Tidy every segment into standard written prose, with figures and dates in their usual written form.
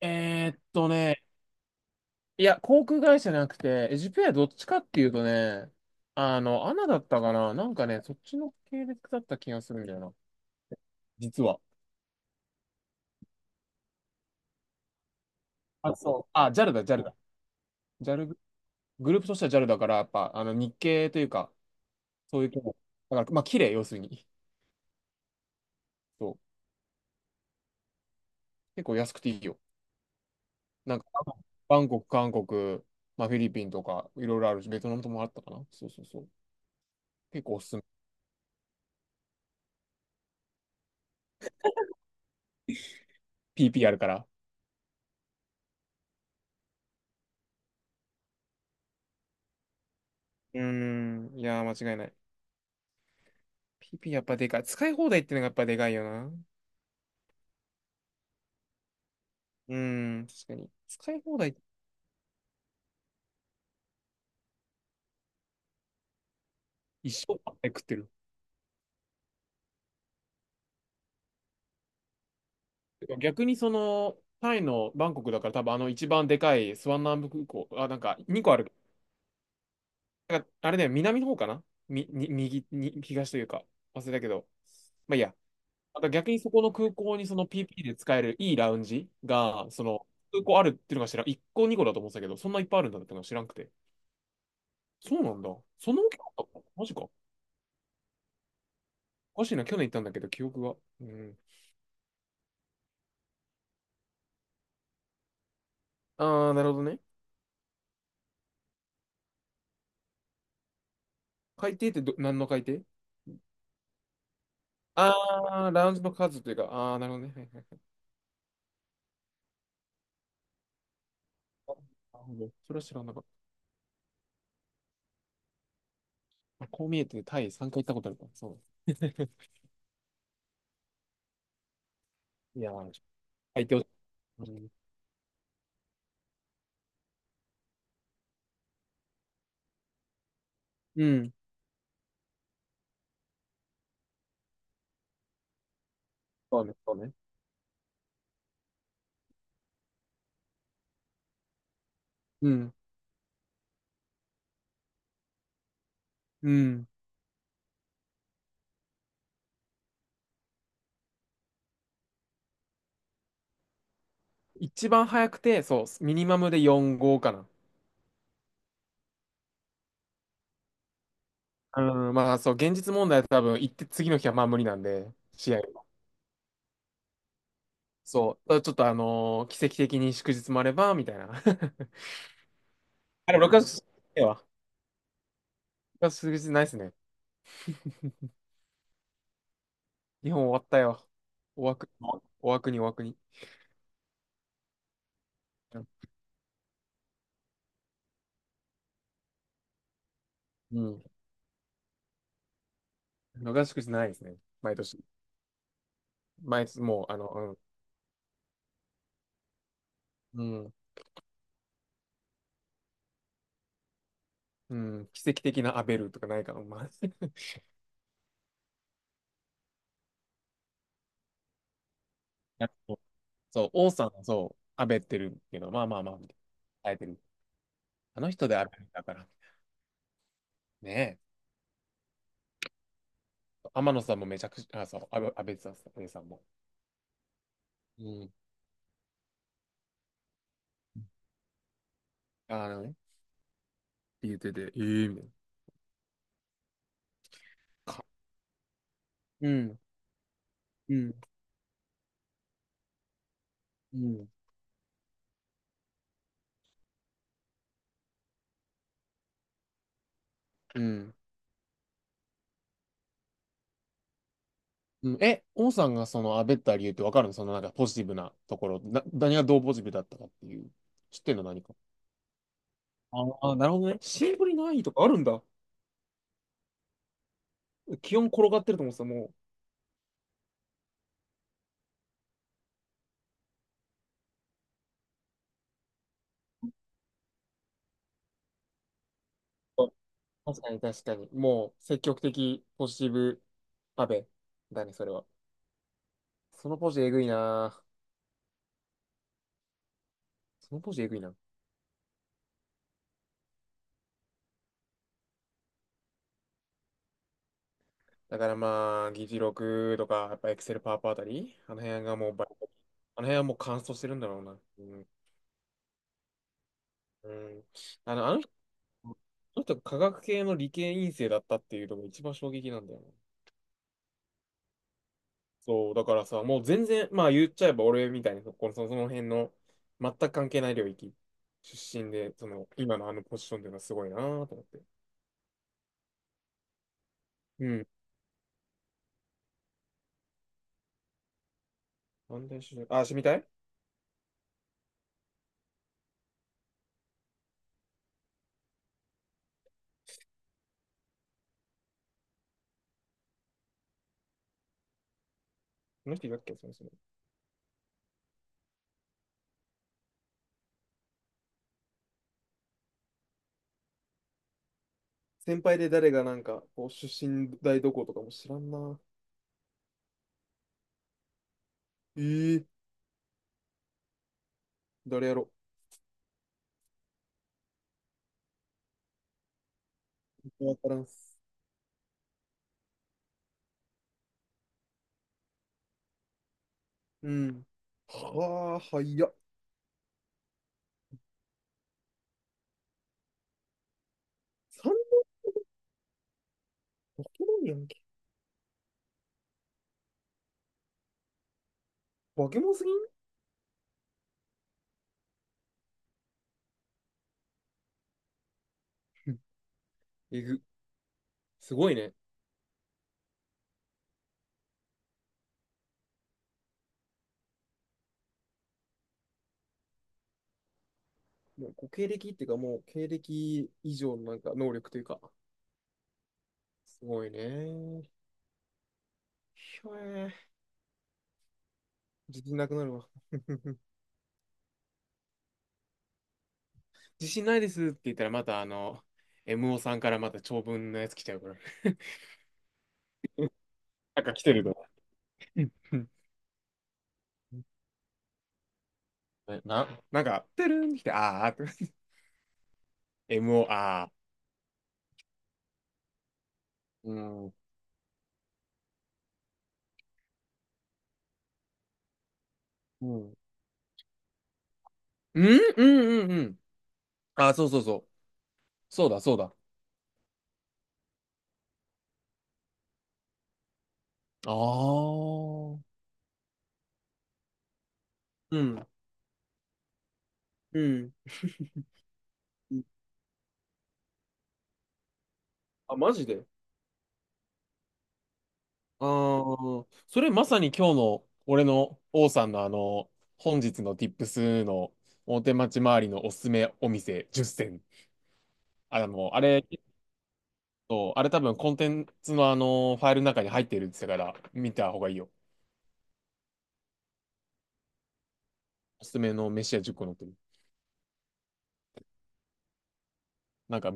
えーっとね、いや、航空会社じゃなくて、エジプエアどっちかっていうとね、アナだったかな、なんかね、そっちの系列だった気がするんだよな。実は。あ、そう。あ、ジャルだ、ジャルだ。ジャルグ、ループとしてはジャルだから、やっぱ、日系というか、そういう系も。だから、まあ、綺麗、要するに。そう。結構安くていいよ。なんか、バンコク、韓国、まあ、フィリピンとか、いろいろあるし、ベトナムともあったかな。そうそうそう。結構おすすめ。PP あるから。うーん、いやー、間違いない。PP やっぱでかい。使い放題ってのがやっぱでかいよな。うん、確かに。使い放題、一生パッタイ食ってる。逆にその、タイのバンコクだから、多分あの一番でかいスワンナンブ空港、あ、なんか2個ある。なんかあれだよ、南の方かな、み、に、右、に、東というか、忘れたけど。まあいいや。あと逆に、そこの空港にその PP で使えるいいラウンジが、その、空港あるっていうのが知らん。1個2個だと思ってたけど、そんないっぱいあるんだってのが知らんくて。そうなんだ。そんな大きかったの、マジか。おかしいな、去年行ったんだけど、記憶が。うん。ああ、なるほどね。海底ってど、何の海底。ああー、ラウンジの数というか、ああ、なるほどね。はいはいはい。あ、なるほど。それは知らなかった。こう見えて、タイ3回行ったことあるから、そう。いやー、海底を、うん。うん。そうね、そうね。うん。うん。一番早くて、そう、ミニマムで4号かな。うん、まあそう、現実問題は多分行って次の日はまあ無理なんで、試合は。そう、ちょっと奇跡的に祝日もあれば、みたいな。あ、でも6月ええわ。ろくがつ数日ないっすね。日本終わったよ。お枠、もお枠にお枠に。うん。逃しくじないですね。毎年。毎年、もう、あの、うん。うん。うん、奇跡的なアベルとかないかな。まあ、そうそう、王さんはそう、アベってるけど、まあまあまあ、みたいな。耐えてる。あの人でアベだから。ねえ。天野さんもめちゃくちゃ、あ、そう、アベ、アベさん、アベさんも。うん。あのね。って言ってて、ええみたいな。か。うん。うん。うん。うん。うん、え、王さんがそのあべった理由ってわかるの、そのなんかポジティブなところ。な、何がどうポジティブだったかっていう。知ってんの、何か。ああ、なるほどね。シンプルにないとかあるんだ。気温転がってると思ってた、もう。あ、確かに確かに。もう、積極的、ポジティブ、安倍だね、それは。そのポジえぐいな。そのポジえぐいな。だからまあ、議事録とか、やっぱエクセルパワーポあたり、あの辺がもうバリ、あの辺はもう乾燥してるんだろうな。うん。うん。あの、あの、その、人科学系の理系院生だったっていうのが一番衝撃なんだよね。そう、だからさ、もう全然、まあ言っちゃえば俺みたいな、そこの、そのその辺の全く関係ない領域出身で、その、今のあのポジションっていうのはすごいなぁと思って。うん。なんで出身、あ、知みたい。この人いたっけ、その人。先輩で誰がなんか、こう出身大どことかも知らんな。えー、誰やろ。わからんっす。うん。はあ、はいや。三化け物やんけ。化け物すぎん。うん。えぐ。すごいね。もうご経歴っていうか、もう経歴以上のなんか能力というか、すごいね。ひょえー、自信なくなるわ。自信ないですって言ったら、またあの、MO さんからまた長文のやつ来ちゃうから。なんか来てると。うん。 え、な、なんか、てるんってきて、あーって。MO、あー。うん。うん。うん、うん、うん、うん。あ、そうそうそう。そうだ、そうだ。ああ。うん。うん。あ、マジで。ああ、それまさに今日の俺の王さんのあの、本日の Tips の大手町周りのおすすめお店10選。あの、あれ、結構あれ多分コンテンツのあの、ファイルの中に入ってるって言ってたから、見た方がいいよ。おすすめの飯屋10個載ってる。なんか、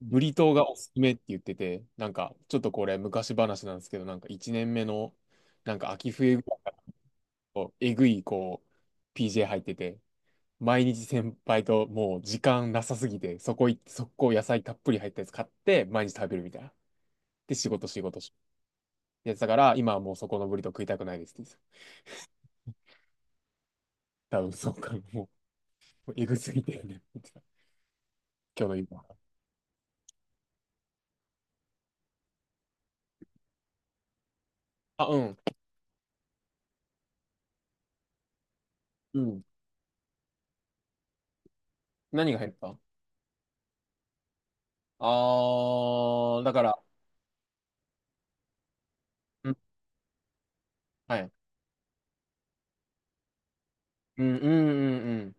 ブリトーがおすすめって言ってて、なんか、ちょっとこれ昔話なんですけど、なんか1年目の、なんか秋冬ぐらいのえぐい、こう、PJ 入ってて、毎日先輩ともう時間なさすぎて、そこ行って、速攻野菜たっぷり入ったやつ買って、毎日食べるみたいな。で、仕事し、やつだから、今はもうそこのブリトー食いたくないですって言ってた。多分そうか、もう、えぐすぎてよね。今日の今。あ、うん。うん。何が入った。あー、だから、うん、はい。うん、うん、うん、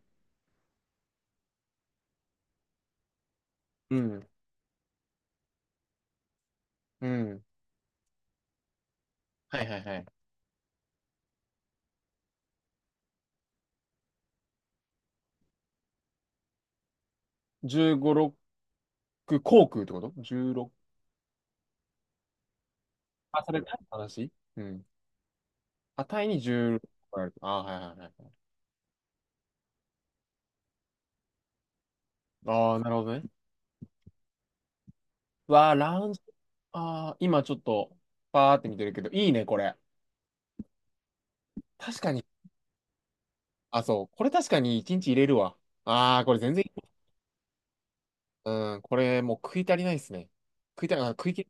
うん。うん、うん。はいはいはい。15、6、航空ってこと？ 16。あ、それ何の話。うん。あ、タイに16ある。あー、はいはいはい。ああ、なるほどね。わあ、ラウンジ。ああ、今ちょっと、パーって見てるけど、いいね、これ。確かに。あ、そう。これ確かに1日入れるわ。ああ、これ全然いい。うん、これもう食い足りないですね。食いたい、あ、食いき、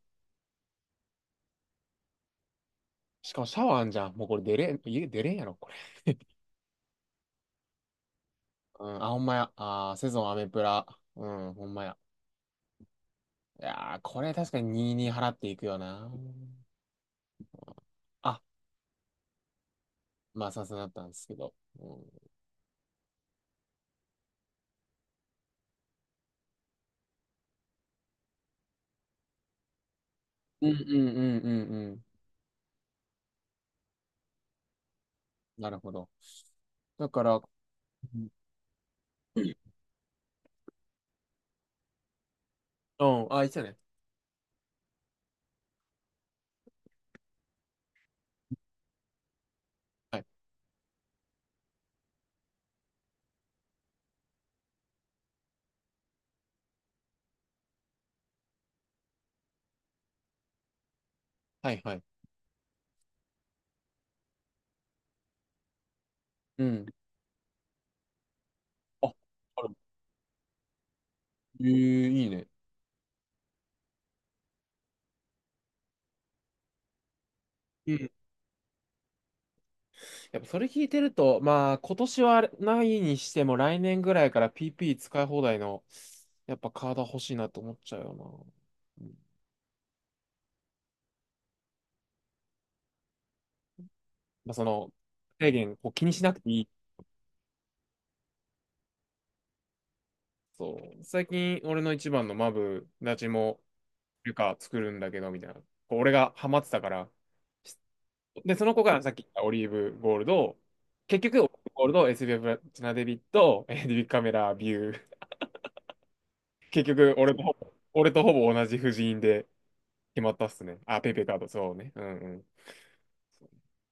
しかもシャワーあんじゃん。もうこれ出れん、家出れんやろ、これ。うん、あ、ほんまや。あー、セゾンアメプラ。うん、ほんまや。いやー、これ確かに22払っていくよな。あ、まあ、さすがだったんですけど。うん、うん、うん、うん、うん。うん、なるほど。だから、うん、うん、あ、いいっすよね。はいはい。うん。あ、ある。ええ、いいね。うん。やっぱそれ聞いてると、まあ今年はないにしても来年ぐらいから PP 使い放題のやっぱカード欲しいなと思っちゃうよな。うん、まあその、制限を気にしなくていい。そう。最近俺の一番のマブダチもルカ作るんだけどみたいな。こう俺がハマってたから。しで、その子がさっき言ったオリーブゴールド、結局オリーブゴールド、SBF プラチナデビット、えーデビットカメラビュー結局、俺とほぼ同じ布陣で決まったっすね。あ、ペイペイカード、そうね。うんうん。